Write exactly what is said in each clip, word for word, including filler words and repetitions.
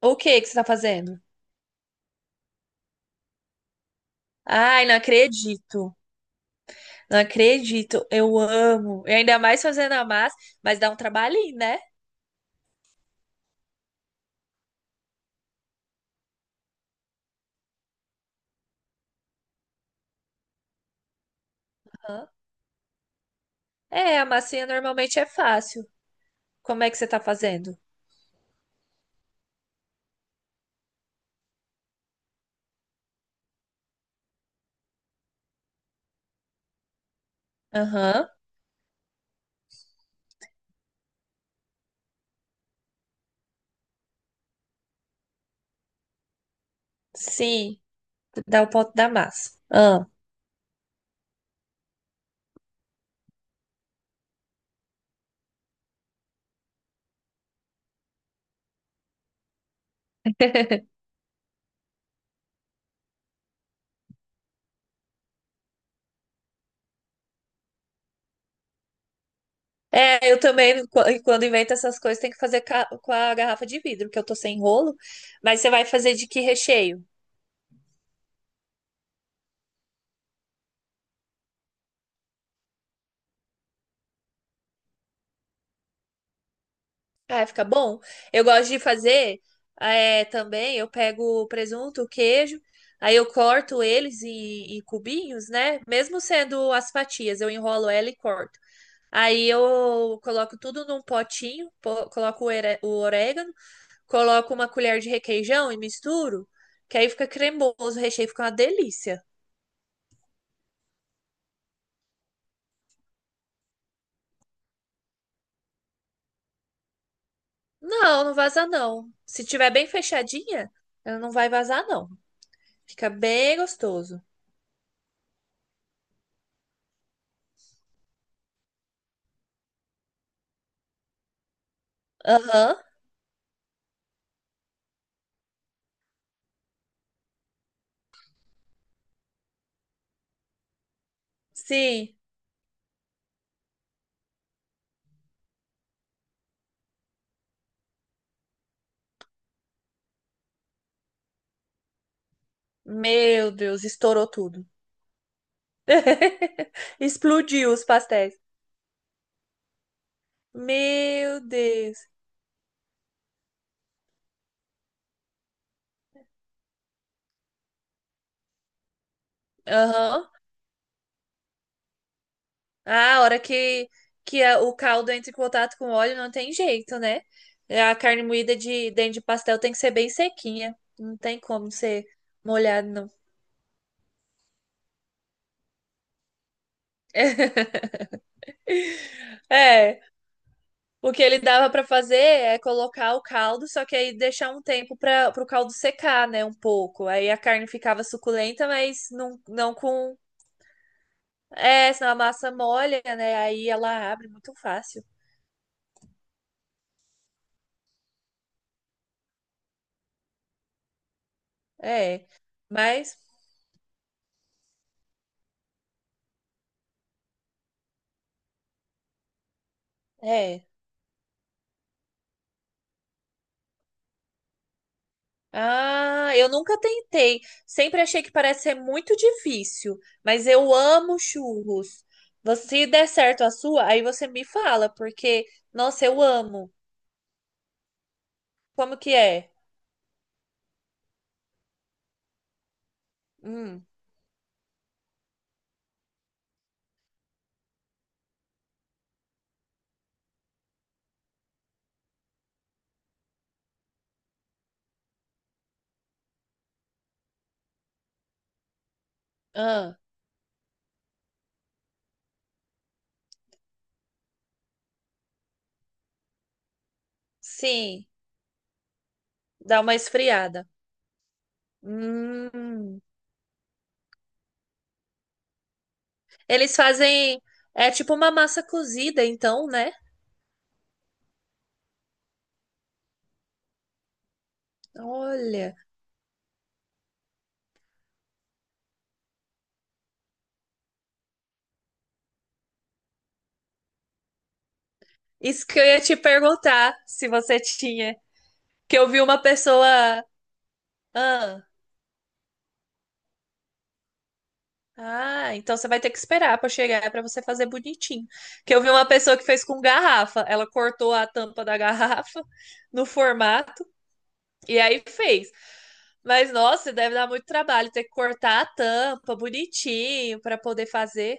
O que que você tá fazendo? Ai, não acredito. Não acredito. Eu amo. E ainda mais fazendo a massa, mas dá um trabalhinho, né? Aham. É, a massinha normalmente é fácil. Como é que você tá fazendo? Aham. Sim, dá o ponto da massa. Ah. É, eu também, qu- quando invento essas coisas, tem que fazer ca- com a garrafa de vidro, porque eu tô sem rolo. Mas você vai fazer de que recheio? Ah, fica bom. Eu gosto de fazer é, também. Eu pego o presunto, o queijo, aí eu corto eles em, em cubinhos, né? Mesmo sendo as fatias, eu enrolo ela e corto. Aí eu coloco tudo num potinho, po- coloco o ere- o orégano, coloco uma colher de requeijão e misturo, que aí fica cremoso, o recheio fica uma delícia. Não, não vaza não. Se tiver bem fechadinha, ela não vai vazar não. Fica bem gostoso. Aham, sim. Meu Deus, estourou tudo. Explodiu os pastéis. Meu Deus. Aham. Ah, a hora que, que a- o caldo entra em contato com o óleo, não tem jeito, né? É, a carne moída de dentro de pastel tem que ser bem sequinha. Não tem como ser molhado, não. É, o que ele dava pra fazer é colocar o caldo, só que aí deixar um tempo para o caldo secar, né, um pouco. Aí a carne ficava suculenta, mas não, não com é, senão a massa molha, né? Aí ela abre muito fácil. É. Mas, é. Ah, eu nunca tentei. Sempre achei que parece ser muito difícil. Mas eu amo churros. Você- Se der certo a sua, aí você me fala, porque, nossa, eu amo. Como que é? Hum, ah, sim. Dá uma esfriada. Hum. Eles fazem. É tipo uma massa cozida, então, né? Olha. Isso que eu ia te perguntar se você tinha. Que eu vi uma pessoa. Ah, ah, então você vai ter que esperar pra chegar pra você fazer bonitinho. Que eu vi uma pessoa que fez com garrafa. Ela cortou a tampa da garrafa no formato e aí fez. Mas nossa, deve dar muito trabalho ter que cortar a tampa bonitinho pra poder fazer.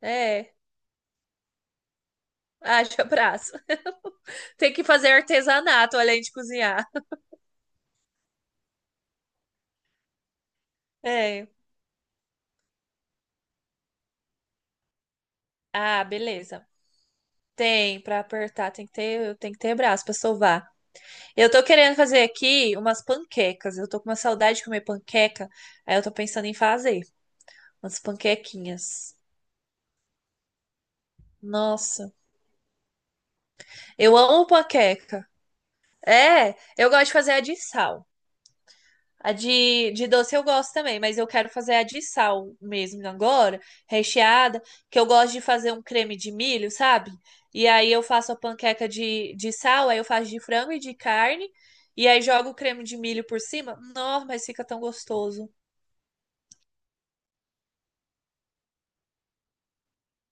É, haja braço. Tem que fazer artesanato além de cozinhar. É. Ah, beleza. Tem pra apertar, tem que ter, tem que ter braço pra sovar. Eu tô querendo fazer aqui umas panquecas. Eu tô com uma saudade de comer panqueca, aí eu tô pensando em fazer umas panquequinhas. Nossa, eu amo panqueca. É, eu gosto de fazer a de sal. A de, de doce eu gosto também, mas eu quero fazer a de sal mesmo agora, recheada, que eu gosto de fazer um creme de milho, sabe? E aí eu faço a panqueca de, de sal, aí eu faço de frango e de carne, e aí jogo o creme de milho por cima. Nossa, mas fica tão gostoso.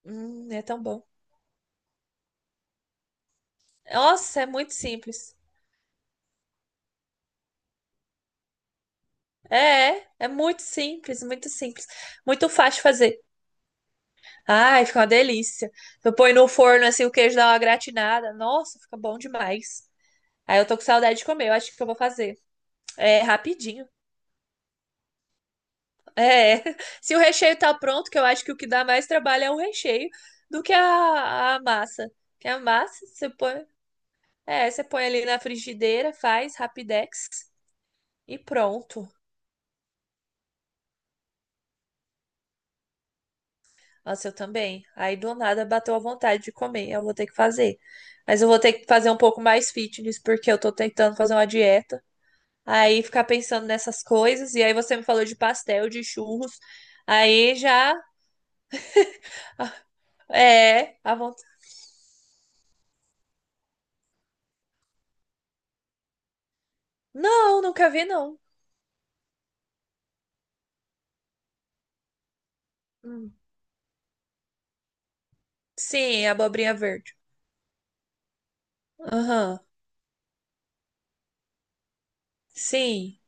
Hum, é tão bom. Nossa, é muito simples. É, é é muito simples, muito simples. Muito fácil de fazer. Ai, fica uma delícia. Eu põe no forno assim, o queijo dá uma gratinada. Nossa, fica bom demais. Aí eu tô com saudade de comer, eu acho que eu vou fazer. É rapidinho. É, se o recheio tá pronto, que eu acho que o que dá mais trabalho é o recheio do que a, a massa. Que a massa você põe, é, você põe ali na frigideira, faz rapidex e pronto. Nossa, eu também. Aí do nada bateu a vontade de comer, eu vou ter que fazer. Mas eu vou ter que fazer um pouco mais fitness porque eu tô tentando fazer uma dieta. Aí ficar pensando nessas coisas e aí você me falou de pastel, de churros. Aí já é, à vontade. Não, nunca vi, não. Hum. Sim, abobrinha verde. Aham, sim.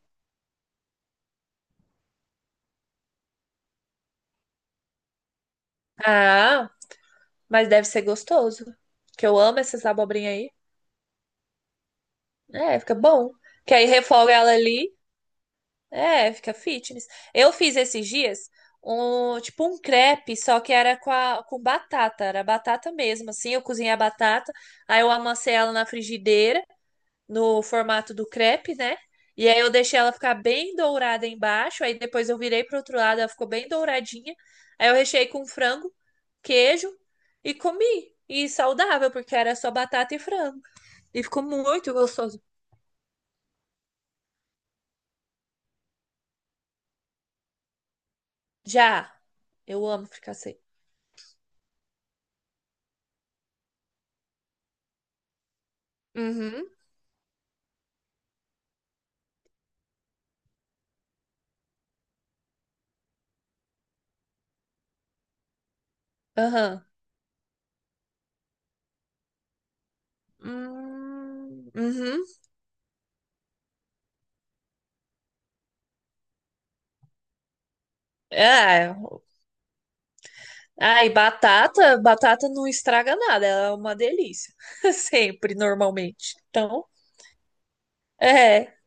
Ah, mas deve ser gostoso. Que eu amo essas abobrinhas aí. É, fica bom. Que aí refoga ela ali. É, fica fitness. Eu fiz esses dias um tipo um crepe, só que era com, a- com batata, era batata mesmo, assim. Eu cozinhei a batata, aí eu amassei ela na frigideira no formato do crepe, né? E aí eu deixei ela ficar bem dourada embaixo, aí depois eu virei pro outro lado, ela ficou bem douradinha. Aí eu recheei com frango, queijo e comi. E saudável, porque era só batata e frango. E ficou muito gostoso. Já, eu amo fricassê. Uhum. Aham. Hum, uhum. É. Ah, e batata, batata não estraga nada, ela é uma delícia. Sempre, normalmente. Então, é.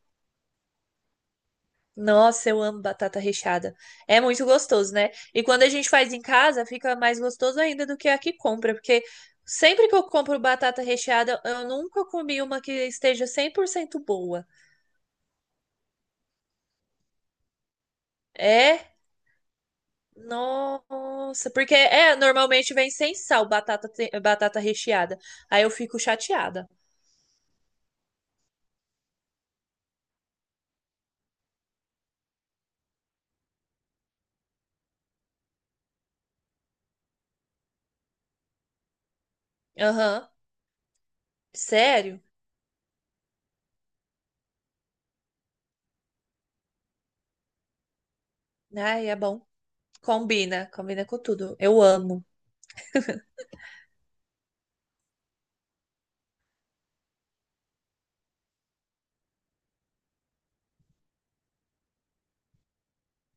Nossa, eu amo batata recheada. É muito gostoso, né? E quando a gente faz em casa, fica mais gostoso ainda do que a que compra, porque sempre que eu compro batata recheada, eu nunca comi uma que esteja cem por cento boa. É? Nossa, porque é, normalmente vem sem sal batata, te- batata recheada. Aí eu fico chateada. Aham. Sério? Ai, é bom. Combina, combina com tudo. Eu amo.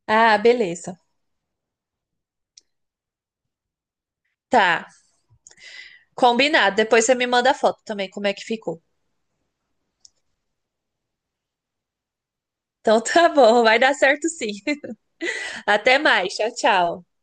Ah, beleza. Tá. Combinado. Depois você me manda a foto também, como é que ficou. Então tá bom, vai dar certo sim. Até mais, tchau, tchau.